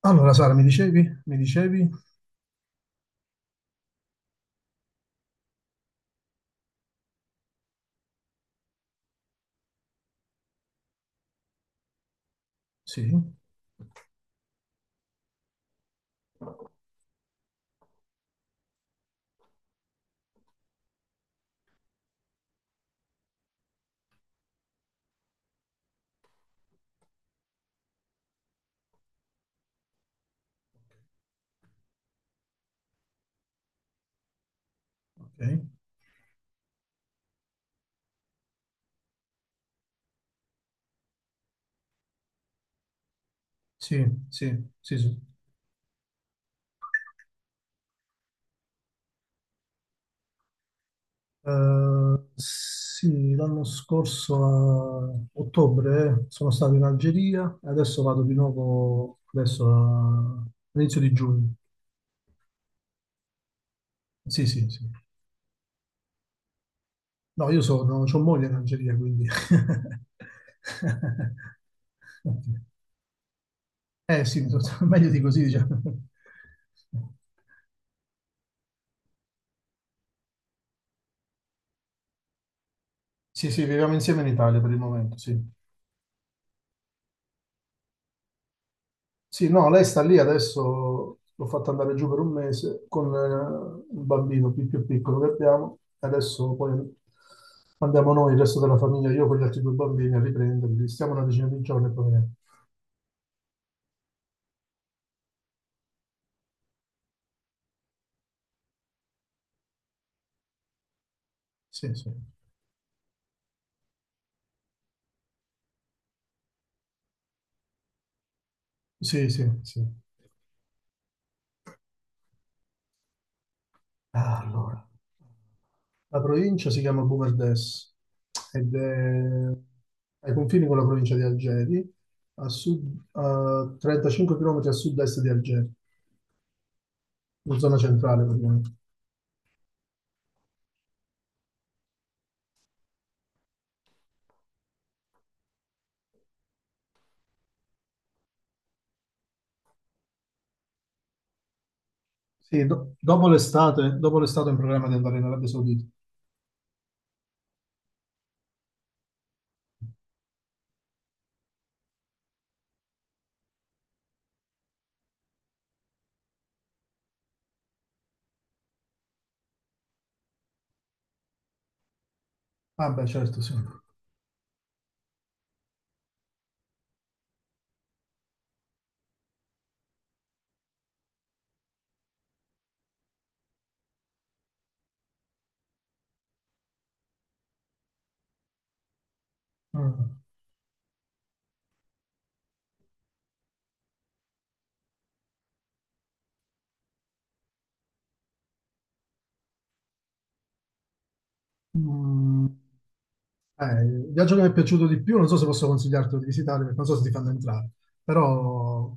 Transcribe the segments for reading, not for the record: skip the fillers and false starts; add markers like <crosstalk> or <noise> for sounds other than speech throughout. Allora, Sara, mi dicevi? Mi dicevi? Sì, ok. Sì, sì, sì, sì. Sì, l'anno scorso a ottobre sono stato in Algeria e adesso vado di nuovo, adesso all'inizio di giugno. Sì, sì, sì. No, c'ho moglie in Algeria, quindi... <laughs> Eh sì, <laughs> meglio di così, diciamo. Sì, sì, viviamo insieme in Italia per il momento, sì. Sì, no, lei sta lì adesso, l'ho fatta andare giù per un mese con il bambino più piccolo che abbiamo, adesso poi andiamo noi, il resto della famiglia, io con gli altri due bambini a riprenderli, stiamo una decina di giorni e poi veniamo. Sì, sì, sì, sì, sì. Ah, allora, la provincia si chiama Boumerdès ed è ai confini con la provincia di Algeri, a sud, a 35 km a sud-est di Algeri, in zona centrale, praticamente. Sì, dopo l'estate ho in programma di andare in Arabia Saudita. Ah, beh, certo, sì. Mm. Mm, il viaggio che mi è piaciuto di più, non so se posso consigliarti di visitare, perché non so se ti fanno entrare, però,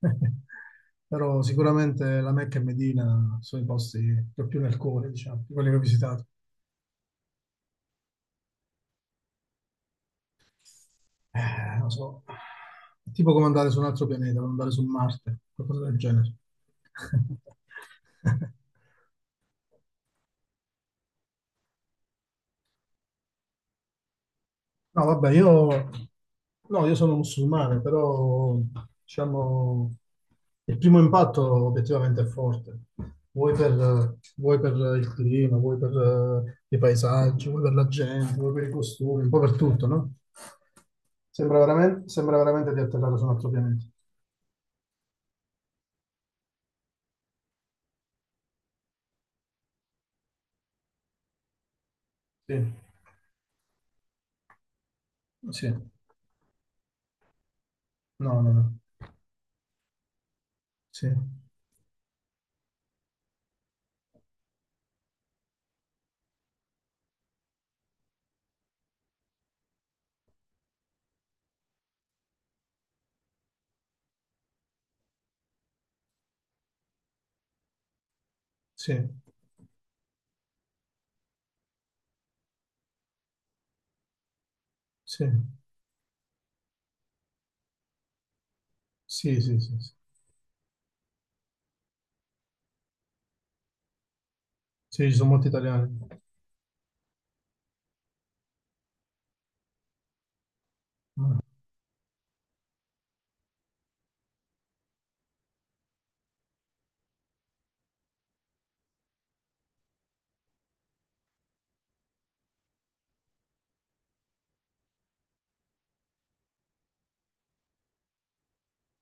<laughs> però sicuramente la Mecca e Medina sono i posti che ho più nel cuore, diciamo, di quelli che ho visitato. Non so, è tipo come andare su un altro pianeta, come andare su Marte, qualcosa del genere. <laughs> No, vabbè, no, io sono musulmano, però diciamo il primo impatto obiettivamente è forte. Vuoi per il clima, vuoi per i paesaggi, vuoi per la gente, vuoi per i costumi, un po' per tutto, no? Sembra veramente di atterrare su un altro pianeta. Sì, sì, no, no, no. Sì, sì, sì, sì, sì, sì, sì. Sì, ci sono molti italiani. Mm.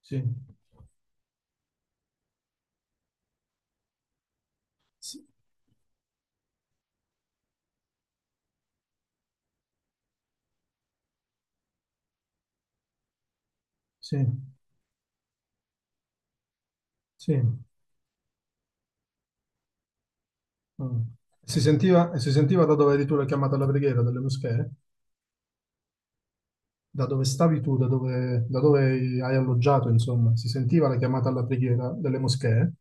Sì, sì, sì, sì. Mm. E si sentiva da dove eri tu la chiamata alla preghiera delle moschee? Da dove stavi tu, da dove hai alloggiato, insomma, si sentiva la chiamata alla preghiera delle moschee?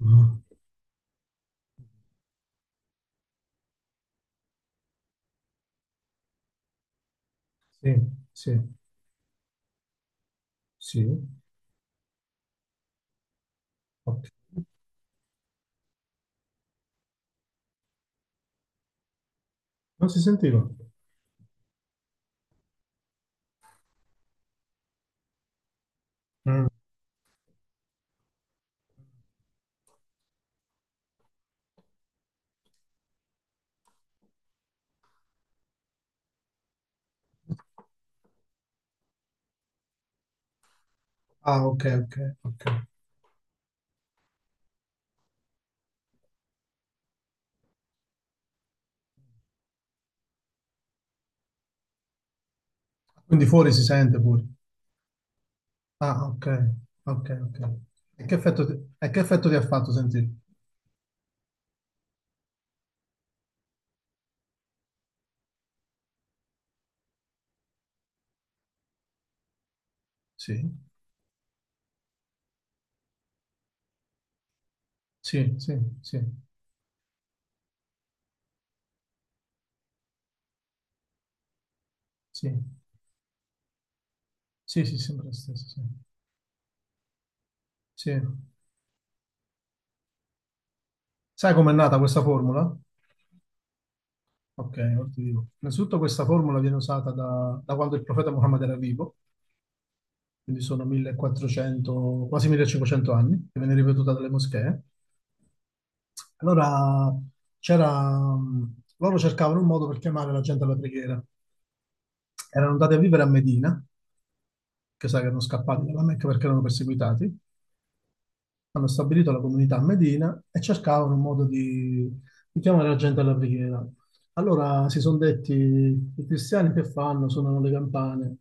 Mm. Sì, sì, sì. Ok. Non si sentiva. Mm. Ah, ok, ok, ok. Quindi fuori si sente pure. Ah, ok, ok, ok. E che effetto ti, e che effetto ti ha fatto sentire? Sì, sì, sì, sì, sì, sì, sì, sì, sembra lo stesso, sì. Sì. Sai com'è nata questa formula? Ok, ora ti dico. Innanzitutto questa formula viene usata da quando il profeta Muhammad era vivo, quindi sono 1400, quasi 1500 anni, che viene ripetuta dalle moschee. Allora loro cercavano un modo per chiamare la gente alla preghiera. Erano andati a vivere a Medina, che sai che erano scappati dalla Mecca perché erano perseguitati, hanno stabilito la comunità a Medina e cercavano un modo di chiamare la gente alla preghiera. Allora si sono detti, i cristiani che fanno? Suonano le campane.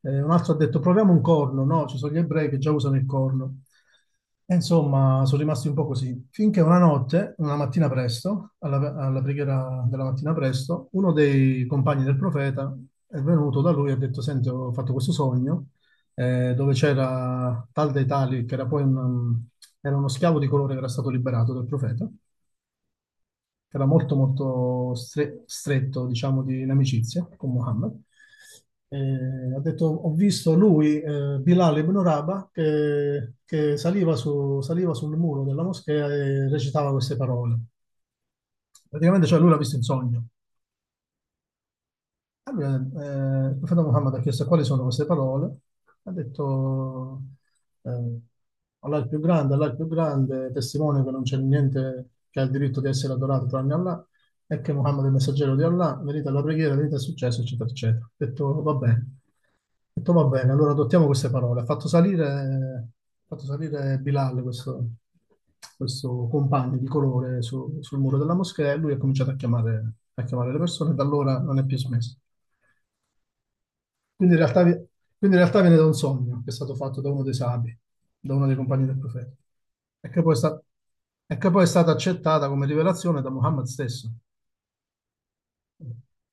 Un altro ha detto, proviamo un corno. No, ci sono gli ebrei che già usano il corno. E insomma, sono rimasti un po' così. Finché una mattina presto, alla preghiera della mattina presto, uno dei compagni del profeta è venuto da lui e ha detto, senti, ho fatto questo sogno dove c'era Tal dei Tali, che era poi era uno schiavo di colore che era stato liberato dal profeta, che era molto molto stretto, diciamo, di in amicizia con Muhammad. Ha detto, ho visto lui, Bilal ibn Rabah, che saliva sul muro della moschea e recitava queste parole. Praticamente, cioè, lui l'ha visto in sogno. Allora, il profeta Muhammad ha chiesto quali sono queste parole. Ha detto, eh, Allah è il più grande, Allah è il più grande, testimone che non c'è niente che ha il diritto di essere adorato tranne Allah, e che Muhammad è il messaggero di Allah, merita la preghiera, merita il successo, eccetera, eccetera. Ha detto, va bene. Ha detto, va bene, allora adottiamo queste parole. Ha fatto salire Bilal, questo compagno di colore, sul muro della moschea, e lui ha cominciato a chiamare le persone, e da allora non è più smesso. Quindi in realtà, vi- quindi in realtà viene da un sogno che è stato fatto da uno dei sabi, da uno dei compagni del profeta, e che poi è stata accettata come rivelazione da Muhammad stesso.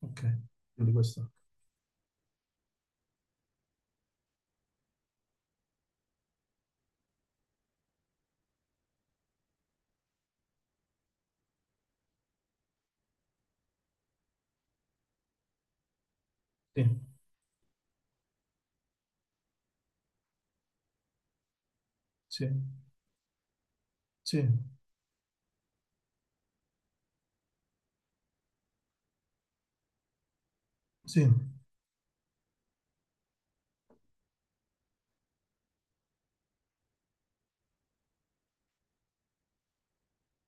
Ok, quindi questo. Sì, sì, sì, sì,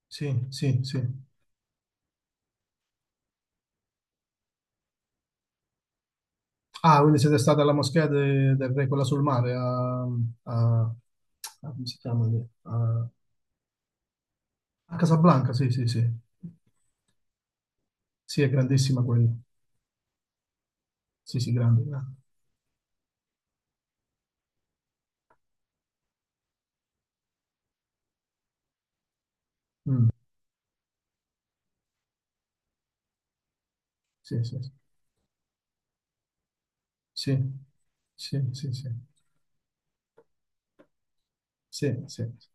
sì, sì, sì. Ah, quindi siete stati alla moschea del re, quella sul mare, come si chiama lì? A Casablanca, sì, sì, sì. Sì, è grandissima quella. Sì, sì, grande, grande. Mm, sì, sì, sì. Sì. Sì, sì, sì, sì, sì.